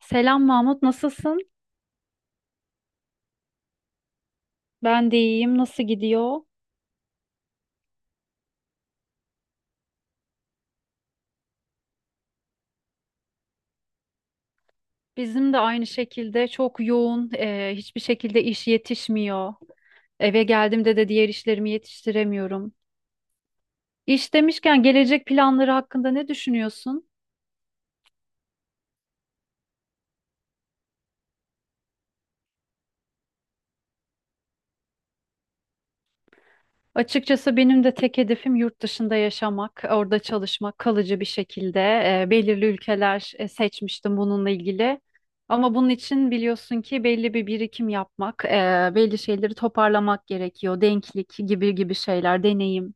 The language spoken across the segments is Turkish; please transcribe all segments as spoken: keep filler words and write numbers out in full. Selam Mahmut, nasılsın? Ben de iyiyim. Nasıl gidiyor? Bizim de aynı şekilde çok yoğun, e, hiçbir şekilde iş yetişmiyor. Eve geldiğimde de diğer işlerimi yetiştiremiyorum. İş demişken gelecek planları hakkında ne düşünüyorsun? Açıkçası benim de tek hedefim yurt dışında yaşamak, orada çalışmak, kalıcı bir şekilde. Eee, belirli ülkeler e, seçmiştim bununla ilgili. Ama bunun için biliyorsun ki belli bir birikim yapmak, eee, belli şeyleri toparlamak gerekiyor. Denklik gibi gibi şeyler, deneyim.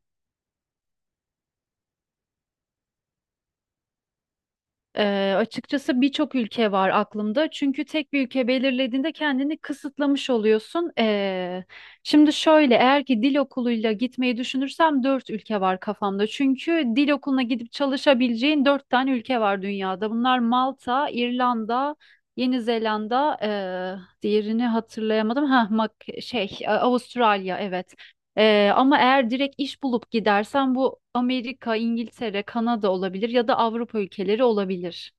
Eee, açıkçası birçok ülke var aklımda. Çünkü tek bir ülke belirlediğinde kendini kısıtlamış oluyorsun. Eee, şimdi şöyle, eğer ki dil okuluyla gitmeyi düşünürsem dört ülke var kafamda. Çünkü dil okuluna gidip çalışabileceğin dört tane ülke var dünyada. Bunlar Malta, İrlanda, Yeni Zelanda, eee, diğerini hatırlayamadım. Ha, mak şey, Avustralya, evet. Ee, ama eğer direkt iş bulup gidersen bu Amerika, İngiltere, Kanada olabilir ya da Avrupa ülkeleri olabilir.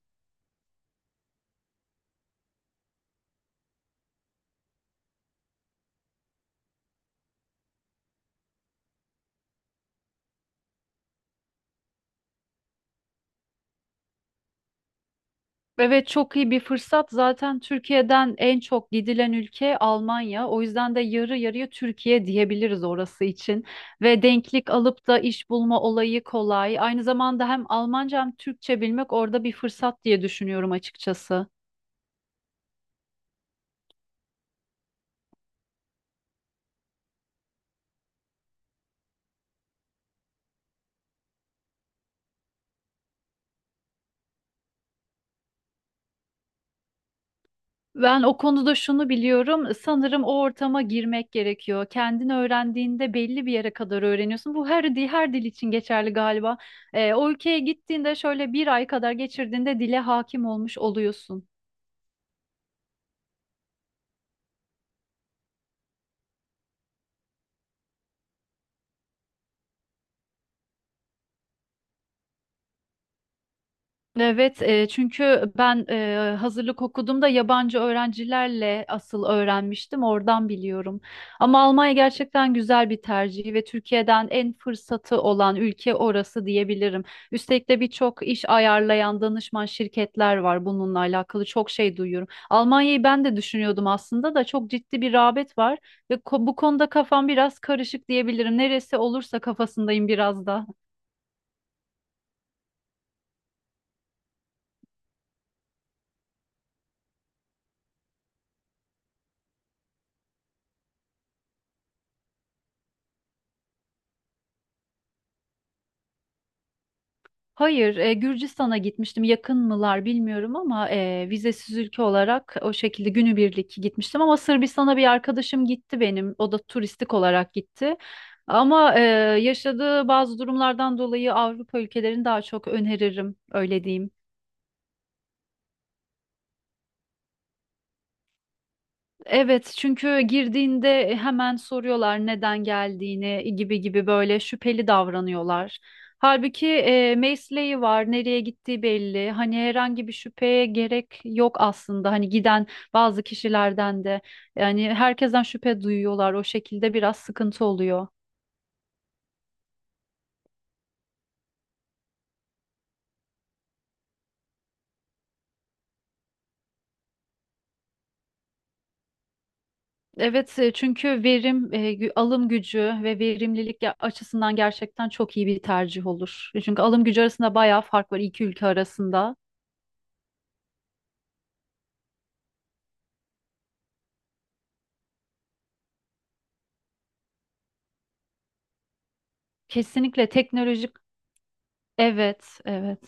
Evet, çok iyi bir fırsat. Zaten Türkiye'den en çok gidilen ülke Almanya. O yüzden de yarı yarıya Türkiye diyebiliriz orası için. Ve denklik alıp da iş bulma olayı kolay. Aynı zamanda hem Almanca hem Türkçe bilmek orada bir fırsat diye düşünüyorum açıkçası. Ben o konuda şunu biliyorum. Sanırım o ortama girmek gerekiyor. Kendin öğrendiğinde belli bir yere kadar öğreniyorsun. Bu her dil, her dil için geçerli galiba. Ee, o ülkeye gittiğinde şöyle bir ay kadar geçirdiğinde dile hakim olmuş oluyorsun. Evet, e, çünkü ben e, hazırlık okuduğumda yabancı öğrencilerle asıl öğrenmiştim, oradan biliyorum. Ama Almanya gerçekten güzel bir tercih ve Türkiye'den en fırsatı olan ülke orası diyebilirim. Üstelik de birçok iş ayarlayan danışman şirketler var, bununla alakalı çok şey duyuyorum. Almanya'yı ben de düşünüyordum aslında, da çok ciddi bir rağbet var ve ko- bu konuda kafam biraz karışık diyebilirim. Neresi olursa kafasındayım biraz da. Hayır, e, Gürcistan'a gitmiştim. Yakın mılar bilmiyorum ama e, vizesiz ülke olarak o şekilde günübirlik gitmiştim. Ama Sırbistan'a bir arkadaşım gitti benim. O da turistik olarak gitti. Ama e, yaşadığı bazı durumlardan dolayı Avrupa ülkelerini daha çok öneririm, öyle diyeyim. Evet, çünkü girdiğinde e, hemen soruyorlar neden geldiğini, gibi gibi böyle şüpheli davranıyorlar. Halbuki e, mesleği var, nereye gittiği belli. Hani herhangi bir şüpheye gerek yok aslında. Hani giden bazı kişilerden de, yani herkesten şüphe duyuyorlar. O şekilde biraz sıkıntı oluyor. Evet, e, çünkü verim, e, gü- alım gücü ve verimlilik ya- açısından gerçekten çok iyi bir tercih olur. E, Çünkü alım gücü arasında bayağı fark var iki ülke arasında. Kesinlikle teknolojik. Evet, evet.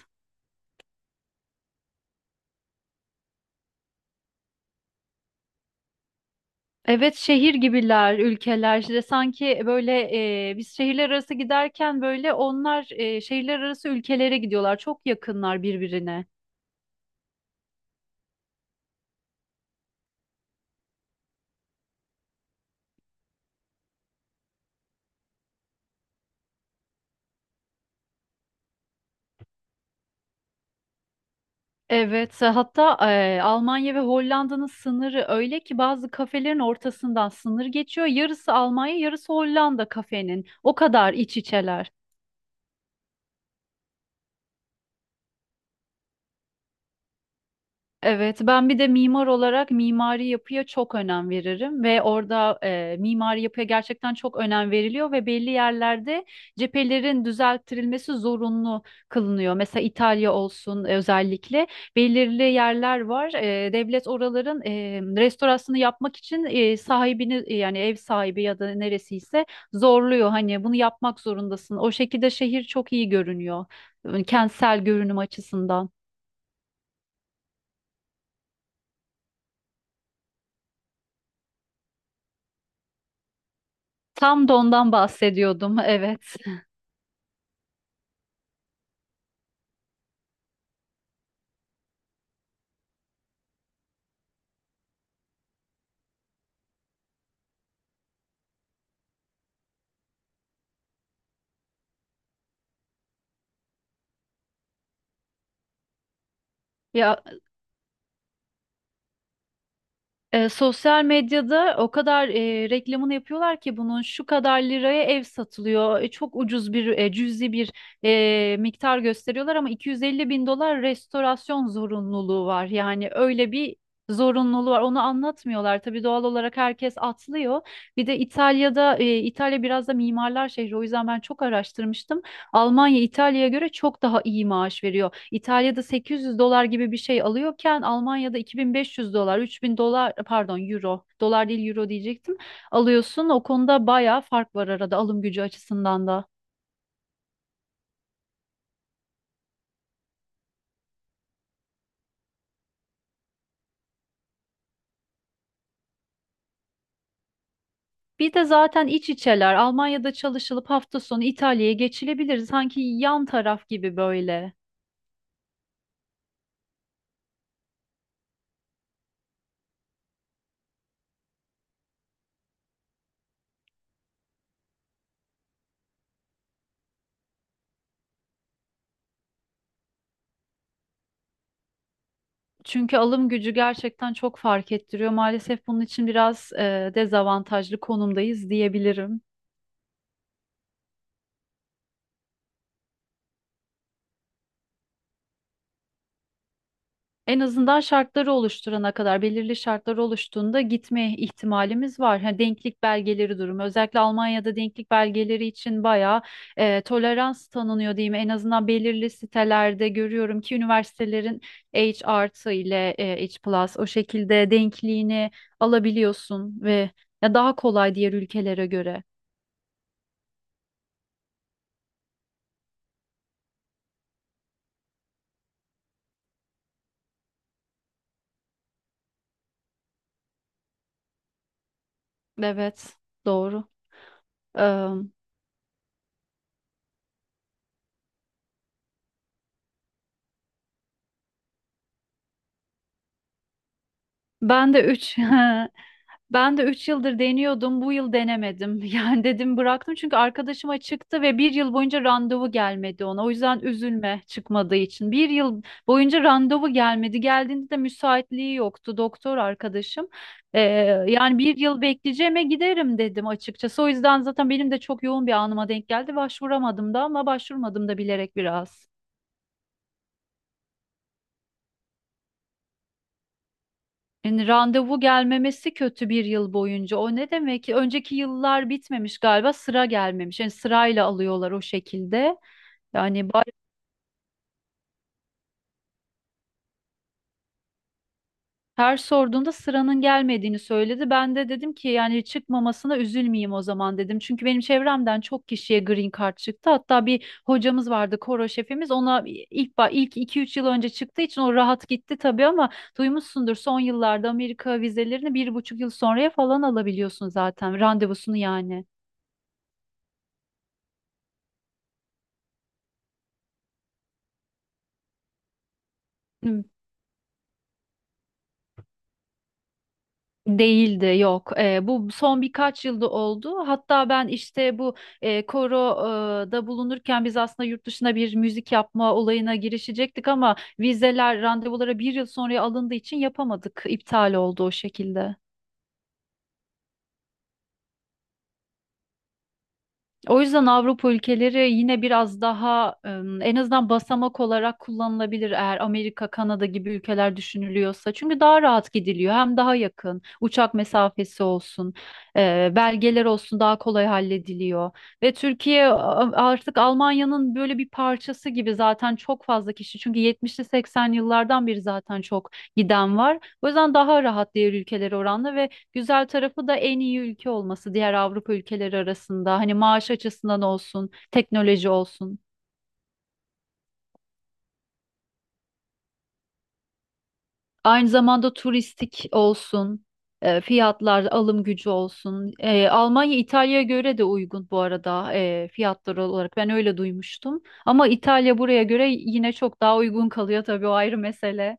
Evet, şehir gibiler, ülkeler. İşte sanki e, böyle, e, biz şehirler arası giderken böyle onlar e, şehirler arası ülkelere gidiyorlar. Çok yakınlar birbirine. Evet, hatta e, Almanya ve Hollanda'nın sınırı öyle ki bazı kafelerin ortasından sınır geçiyor. Yarısı Almanya, yarısı Hollanda kafenin. O kadar iç içeler. Evet, ben bir de mimar olarak mimari yapıya çok önem veririm ve orada e, mimari yapıya gerçekten çok önem veriliyor ve belli yerlerde cephelerin düzelttirilmesi zorunlu kılınıyor. Mesela İtalya olsun, e, özellikle belirli yerler var. E, devlet oraların e, restorasyonu yapmak için e, sahibini, e, yani ev sahibi ya da neresiyse, zorluyor. Hani bunu yapmak zorundasın. O şekilde şehir çok iyi görünüyor, e, kentsel görünüm açısından. Tam da ondan bahsediyordum, evet. Ya e, sosyal medyada o kadar e, reklamını yapıyorlar ki bunun şu kadar liraya ev satılıyor. E, çok ucuz bir, e, cüzi bir, e, miktar gösteriyorlar ama iki yüz elli bin dolar bin dolar restorasyon zorunluluğu var. Yani öyle bir zorunluluğu var. Onu anlatmıyorlar. Tabii doğal olarak herkes atlıyor. Bir de İtalya'da, e, İtalya biraz da mimarlar şehri. O yüzden ben çok araştırmıştım. Almanya İtalya'ya göre çok daha iyi maaş veriyor. İtalya'da 800 dolar gibi bir şey alıyorken Almanya'da 2500 dolar, 3000 dolar, pardon euro, dolar değil euro diyecektim. Alıyorsun. O konuda bayağı fark var arada, alım gücü açısından da. Bir de zaten iç içeler. Almanya'da çalışılıp hafta sonu İtalya'ya geçilebilir. Sanki yan taraf gibi böyle. Çünkü alım gücü gerçekten çok fark ettiriyor. Maalesef bunun için biraz e, dezavantajlı konumdayız diyebilirim. En azından şartları oluşturana kadar, belirli şartları oluştuğunda gitme ihtimalimiz var. Ha, denklik belgeleri durumu, özellikle Almanya'da denklik belgeleri için bayağı e, tolerans tanınıyor diyeyim. En azından belirli sitelerde görüyorum ki üniversitelerin H artı ile, e, H plus o şekilde denkliğini alabiliyorsun ve ya daha kolay diğer ülkelere göre. Evet, doğru. Eee, Ben de üç. Ben de üç yıldır deniyordum. Bu yıl denemedim. Yani dedim bıraktım, çünkü arkadaşıma çıktı ve bir yıl boyunca randevu gelmedi ona. O yüzden üzülme çıkmadığı için. Bir yıl boyunca randevu gelmedi. Geldiğinde de müsaitliği yoktu doktor arkadaşım. Ee, Yani bir yıl bekleyeceğime giderim dedim açıkçası. O yüzden zaten benim de çok yoğun bir anıma denk geldi. Başvuramadım da ama başvurmadım da bilerek biraz. Yani randevu gelmemesi kötü, bir yıl boyunca. O ne demek ki? Önceki yıllar bitmemiş galiba, sıra gelmemiş. Yani sırayla alıyorlar o şekilde. Yani bay- her sorduğunda sıranın gelmediğini söyledi. Ben de dedim ki, yani çıkmamasına üzülmeyeyim o zaman dedim. Çünkü benim çevremden çok kişiye green card çıktı. Hatta bir hocamız vardı, koro şefimiz. Ona ilk ba- ilk 2-3 yıl önce çıktığı için o rahat gitti tabii ama duymuşsundur son yıllarda Amerika vizelerini bir buçuk yıl sonraya falan alabiliyorsun zaten randevusunu, yani. Değildi, yok. Eee, bu son birkaç yılda oldu. Hatta ben işte bu eee koroda bulunurken biz aslında yurt dışına bir müzik yapma olayına girişecektik ama vizeler randevulara bir yıl sonraya alındığı için yapamadık. İptal oldu o şekilde. O yüzden Avrupa ülkeleri yine biraz daha, em, en azından basamak olarak kullanılabilir eğer Amerika, Kanada gibi ülkeler düşünülüyorsa. Çünkü daha rahat gidiliyor, hem daha yakın uçak mesafesi olsun, e, belgeler olsun daha kolay hallediliyor. Ve Türkiye a- artık Almanya'nın böyle bir parçası gibi, zaten çok fazla kişi, çünkü yetmişli seksenli yıllardan beri zaten çok giden var. O yüzden daha rahat diğer ülkelere oranla ve güzel tarafı da en iyi ülke olması diğer Avrupa ülkeleri arasında. Hani maaş açısından olsun, teknoloji olsun, aynı zamanda turistik olsun, e, fiyatlar, alım gücü olsun. E, Almanya İtalya'ya göre de uygun bu arada, e, fiyatlar olarak. Ben öyle duymuştum. Ama İtalya buraya göre yine çok daha uygun kalıyor tabii, o ayrı mesele.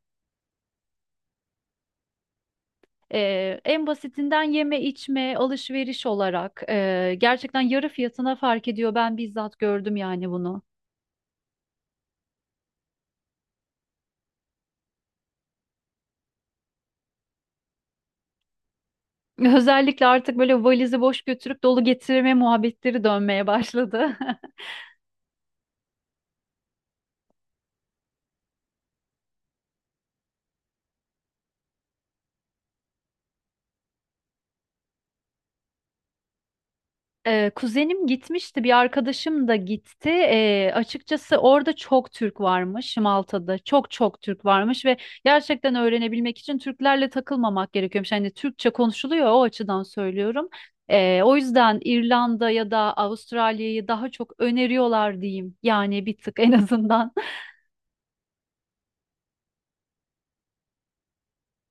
E, en basitinden yeme içme alışveriş olarak, e, gerçekten yarı fiyatına fark ediyor. Ben bizzat gördüm yani bunu. Özellikle artık böyle valizi boş götürüp dolu getirme muhabbetleri dönmeye başladı. Ee, kuzenim gitmişti, bir arkadaşım da gitti. Ee, açıkçası orada çok Türk varmış, Malta'da. Çok çok Türk varmış ve gerçekten öğrenebilmek için Türklerle takılmamak gerekiyormuş. Yani Türkçe konuşuluyor, o açıdan söylüyorum. Ee, o yüzden İrlanda ya da Avustralya'yı daha çok öneriyorlar diyeyim. Yani bir tık en azından.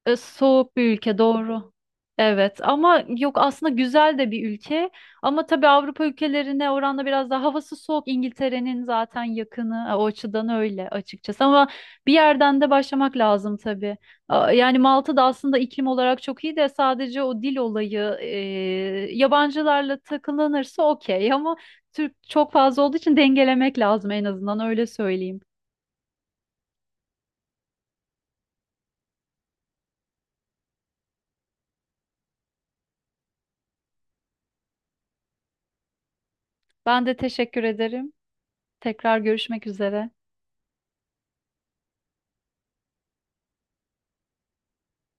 E, Soğuk bir ülke, doğru. Evet ama yok, aslında güzel de bir ülke ama tabii Avrupa ülkelerine oranla biraz daha havası soğuk, İngiltere'nin zaten yakını, e, o açıdan öyle açıkçası, ama bir yerden de başlamak lazım tabii. A- Yani Malta da aslında iklim olarak çok iyi de sadece o dil olayı, e, yabancılarla takılanırsa okey ama Türk çok fazla olduğu için dengelemek lazım, en azından öyle söyleyeyim. Ben de teşekkür ederim. Tekrar görüşmek üzere.